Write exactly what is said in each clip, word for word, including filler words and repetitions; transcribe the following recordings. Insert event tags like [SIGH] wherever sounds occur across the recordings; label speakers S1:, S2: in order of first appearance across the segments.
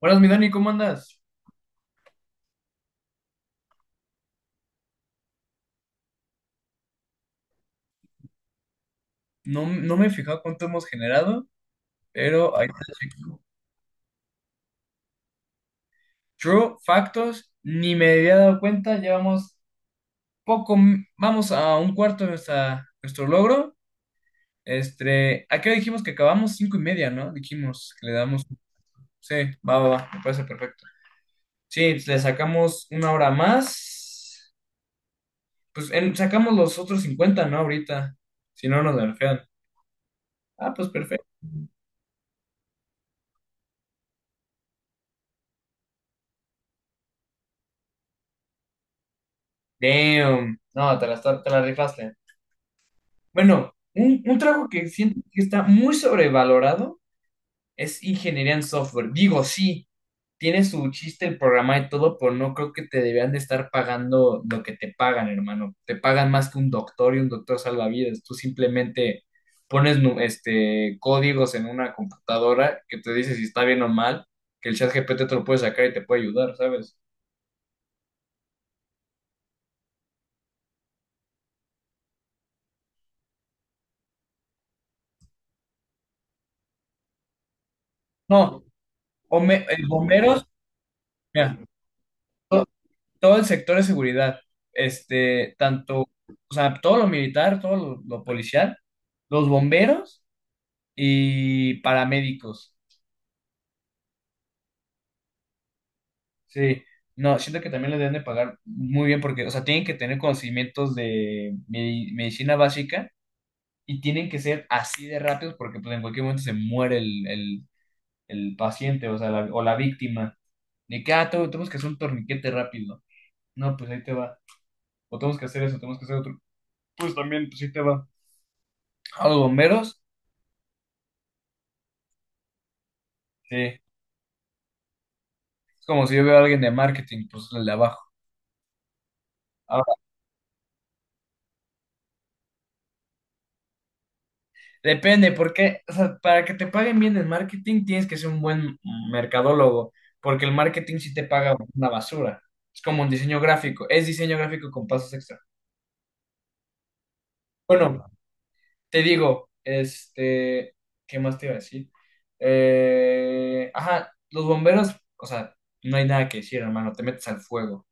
S1: Buenas, mi Dani, ¿cómo andas? No, no me he fijado cuánto hemos generado, pero ahí está. True, factos, ni me había dado cuenta, llevamos poco, m- vamos a un cuarto de nuestra, nuestro logro. Este, ¿a qué hora dijimos que acabamos? Cinco y media, ¿no? Dijimos que le damos. Sí, va, va, va, me parece perfecto. Sí, le sacamos una hora más. Pues en- sacamos los otros cincuenta, ¿no? Ahorita, si no nos nerfean. Ah, pues perfecto. Damn, no, te la, está- te la rifaste. Bueno, un, un trabajo que siento que está muy sobrevalorado es ingeniería en software. Digo, sí, tiene su chiste el programa y todo, pero no creo que te deberían de estar pagando lo que te pagan, hermano. Te pagan más que un doctor y un doctor salva vidas. Tú simplemente pones nu- este, códigos en una computadora que te dice si está bien o mal, que el chat G P T te lo puede sacar y te puede ayudar, ¿sabes? No, o me- eh, bomberos, mira. Todo el sector de seguridad, este, tanto, o sea, todo lo militar, todo lo, lo policial, los bomberos y paramédicos. Sí, no, siento que también les deben de pagar muy bien porque, o sea, tienen que tener conocimientos de medi- medicina básica y tienen que ser así de rápidos porque pues en cualquier momento se muere el, el- el paciente, o sea, la- o la víctima. De que, ah, tengo- tenemos que hacer un torniquete rápido. No, pues ahí te va. O tenemos que hacer eso, tenemos que hacer otro. Pues también, pues ahí te va. A los bomberos, sí. Es como si yo veo a alguien de marketing, pues el de abajo. Ahora, depende, porque, o sea, para que te paguen bien en marketing tienes que ser un buen mercadólogo, porque el marketing sí te paga una basura. Es como un diseño gráfico, es diseño gráfico con pasos extra. Bueno, te digo, este, ¿qué más te iba a decir? Eh, ajá, los bomberos, o sea, no hay nada que decir, hermano, te metes al fuego.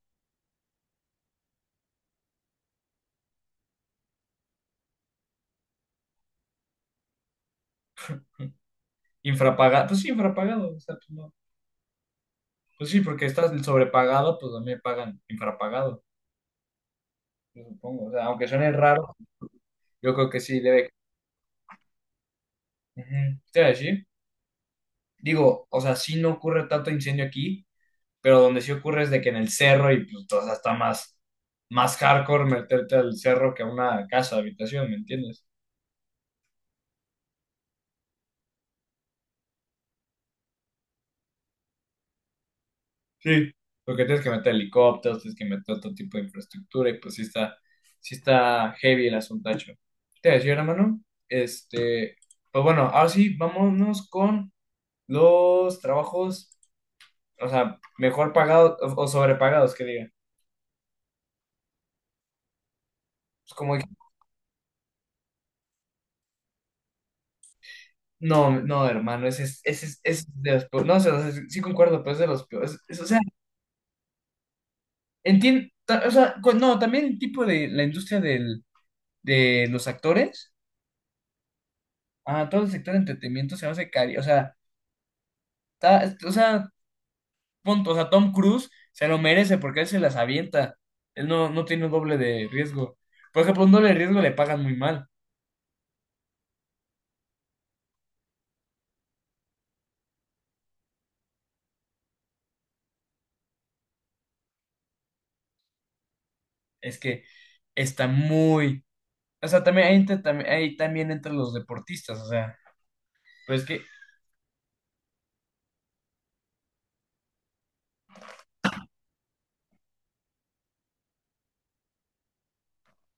S1: Infrapagado, pues sí, infrapagado, o sea, pues, no. Pues sí, porque estás sobrepagado, pues también pagan infrapagado, yo supongo. O sea, aunque suene raro, yo creo que sí debe. Ujú. Te iba a decir, digo, o sea, sí no ocurre tanto incendio aquí, pero donde sí ocurre es de que en el cerro y pues o sea, está más, más hardcore meterte al cerro que a una casa, habitación, ¿me entiendes? Sí. Porque tienes que meter helicópteros, tienes que meter otro tipo de infraestructura y pues sí está, sí está heavy el asuntacho. Te iba a decir, hermano, este, pues bueno, ahora sí, vámonos con los trabajos, o sea, mejor pagados o, o sobrepagados, que diga. Es como, que, no, no, hermano, ese es, ese es, ese es de los peores. No, o sea, sí sí concuerdo, pero es de los peores. Es- es- o sea, entiendo, o sea, cu- no, también el tipo de la industria del, de los actores, ah, todo el sector de entretenimiento se me hace cari, o sea, ta- o sea, punto, o sea, Tom Cruise se lo merece porque él se las avienta. Él no, no tiene un doble de riesgo. Por ejemplo, un doble de riesgo le pagan muy mal. Es que está muy, o sea, también ahí, entra- también ahí también entre los deportistas, o sea, pues que,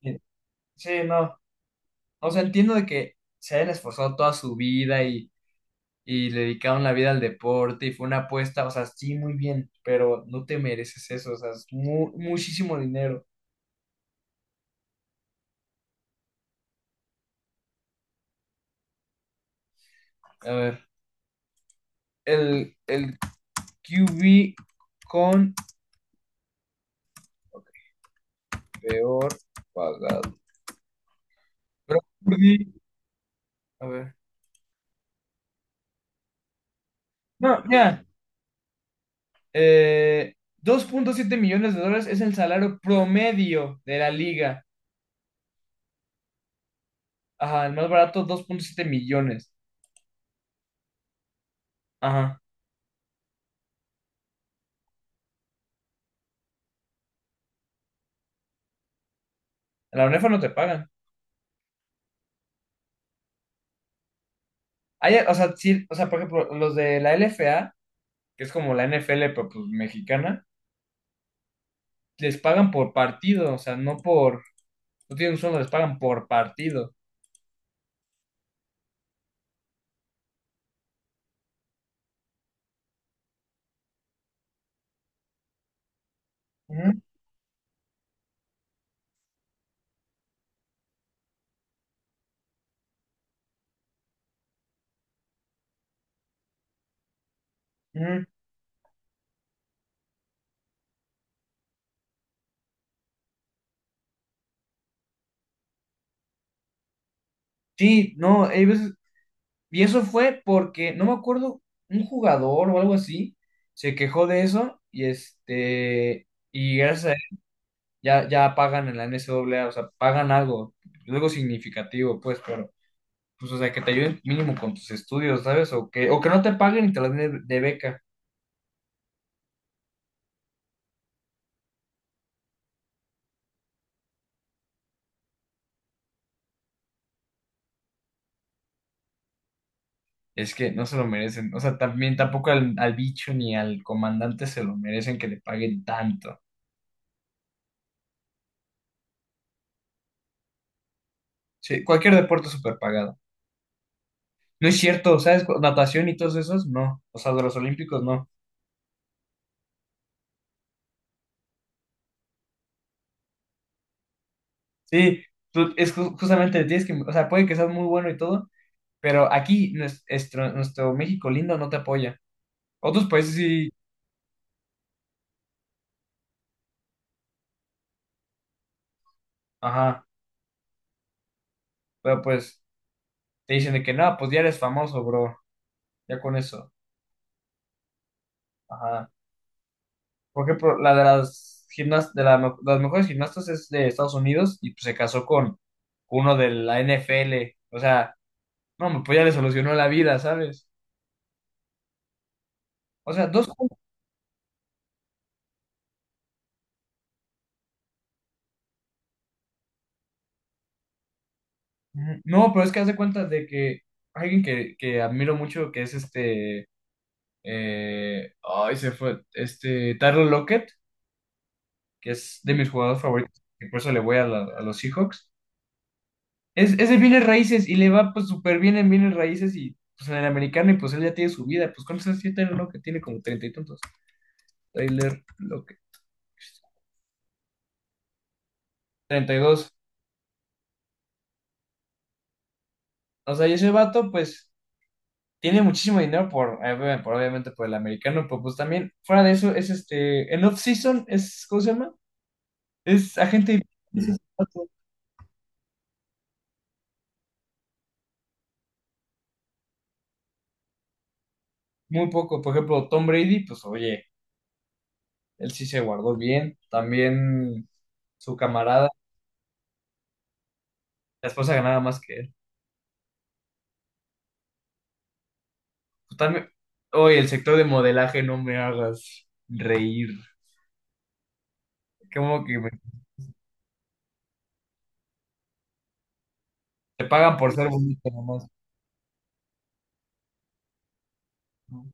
S1: eh, sí, no, o sea, entiendo de que se hayan esforzado toda su vida y, y le dedicaron la vida al deporte y fue una apuesta, o sea, sí, muy bien, pero no te mereces eso, o sea, es mu- muchísimo dinero. A ver, el, el Q B con peor pagado. Brady, a ver, no, ya, eh, dos punto siete millones de dólares es el salario promedio de la liga. Ajá, el más barato, dos punto siete millones. Ajá. En la UNEFA no te pagan. Hay, o sea, sí, o sea, por ejemplo, los de la l f a que es como la n f l pero pues mexicana, les pagan por partido, o sea, no por, no tienen un sueldo, les pagan por partido. Ujú, ujú. Sí, no, hay veces, y eso fue porque, no me acuerdo, un jugador o algo así, se quejó de eso, y este, y gracias a él, ya, ya pagan en la n C a A, o sea, pagan algo, algo significativo, pues, pero. Pues, o sea, que te ayuden mínimo con tus estudios, ¿sabes? O que, o que no te paguen y te las den de, de beca. Es que no se lo merecen. O sea, también tampoco al, al bicho ni al comandante se lo merecen que le paguen tanto. Sí, cualquier deporte es súper pagado. No es cierto, ¿sabes? Cu- Natación y todos esos, no. O sea, de los olímpicos, no. Sí, tú- es ju- justamente tienes que, o sea, puede que seas muy bueno y todo, pero aquí nues- nuestro, nuestro México lindo no te apoya. Otros países sí, ajá, pero pues te dicen de que no, pues ya eres famoso, bro, ya con eso. Ajá. Porque por- la de las gimnas, de la me- las mejores gimnastas es de Estados Unidos y pues, se casó con uno de la N F L. O sea, no, pues ya le solucionó la vida, ¿sabes? O sea, dos cosas. Ujú. No, pero es que haz de cuenta de que alguien que, que admiro mucho, que es este. Eh, ay, se fue. Este. Tyler Lockett, que es de mis jugadores favoritos, y por eso le voy a, la- a los Seahawks. Es, es de bienes raíces y le va pues súper bien en bienes raíces y pues en el americano y pues él ya tiene su vida. Pues ¿cuántos años tiene lo que tiene como treinta y tantos? Tyler Lockett. Treinta y dos. O sea, y ese vato pues tiene muchísimo dinero por, eh, por, obviamente por el americano, pero pues también fuera de eso es este, en off-season es, ¿cómo se llama? Es agente libre, es ese vato. Muy poco. Por ejemplo, Tom Brady, pues oye, él sí se guardó bien. También su camarada, la esposa ganaba más que él. Totalmente. Oye, el sector de modelaje no me hagas reír. Como que me- te pagan por ser bonito nomás. ¿No?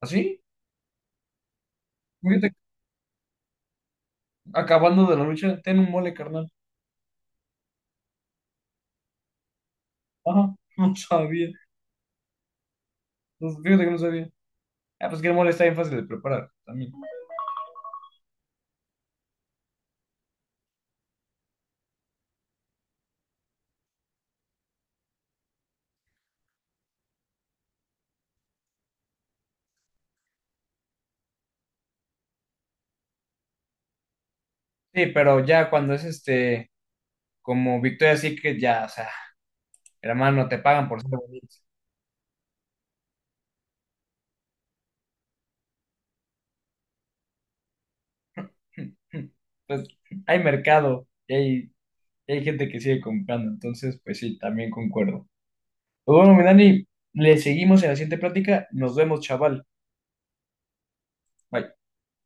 S1: ¿Así? Fíjate, acabando de la lucha, ten un mole, carnal. Ajá, [LAUGHS] no sabía. No, fíjate que no sabía. Ah, pues que el mole está bien fácil de preparar también. Sí, pero ya cuando es este, como Victoria Secret, ya, o sea, hermano, te pagan por ser bonito. [LAUGHS] Pues hay mercado y hay, y hay gente que sigue comprando, entonces, pues sí, también concuerdo. Pues bueno, mi Dani, le seguimos en la siguiente plática. Nos vemos, chaval. Bye.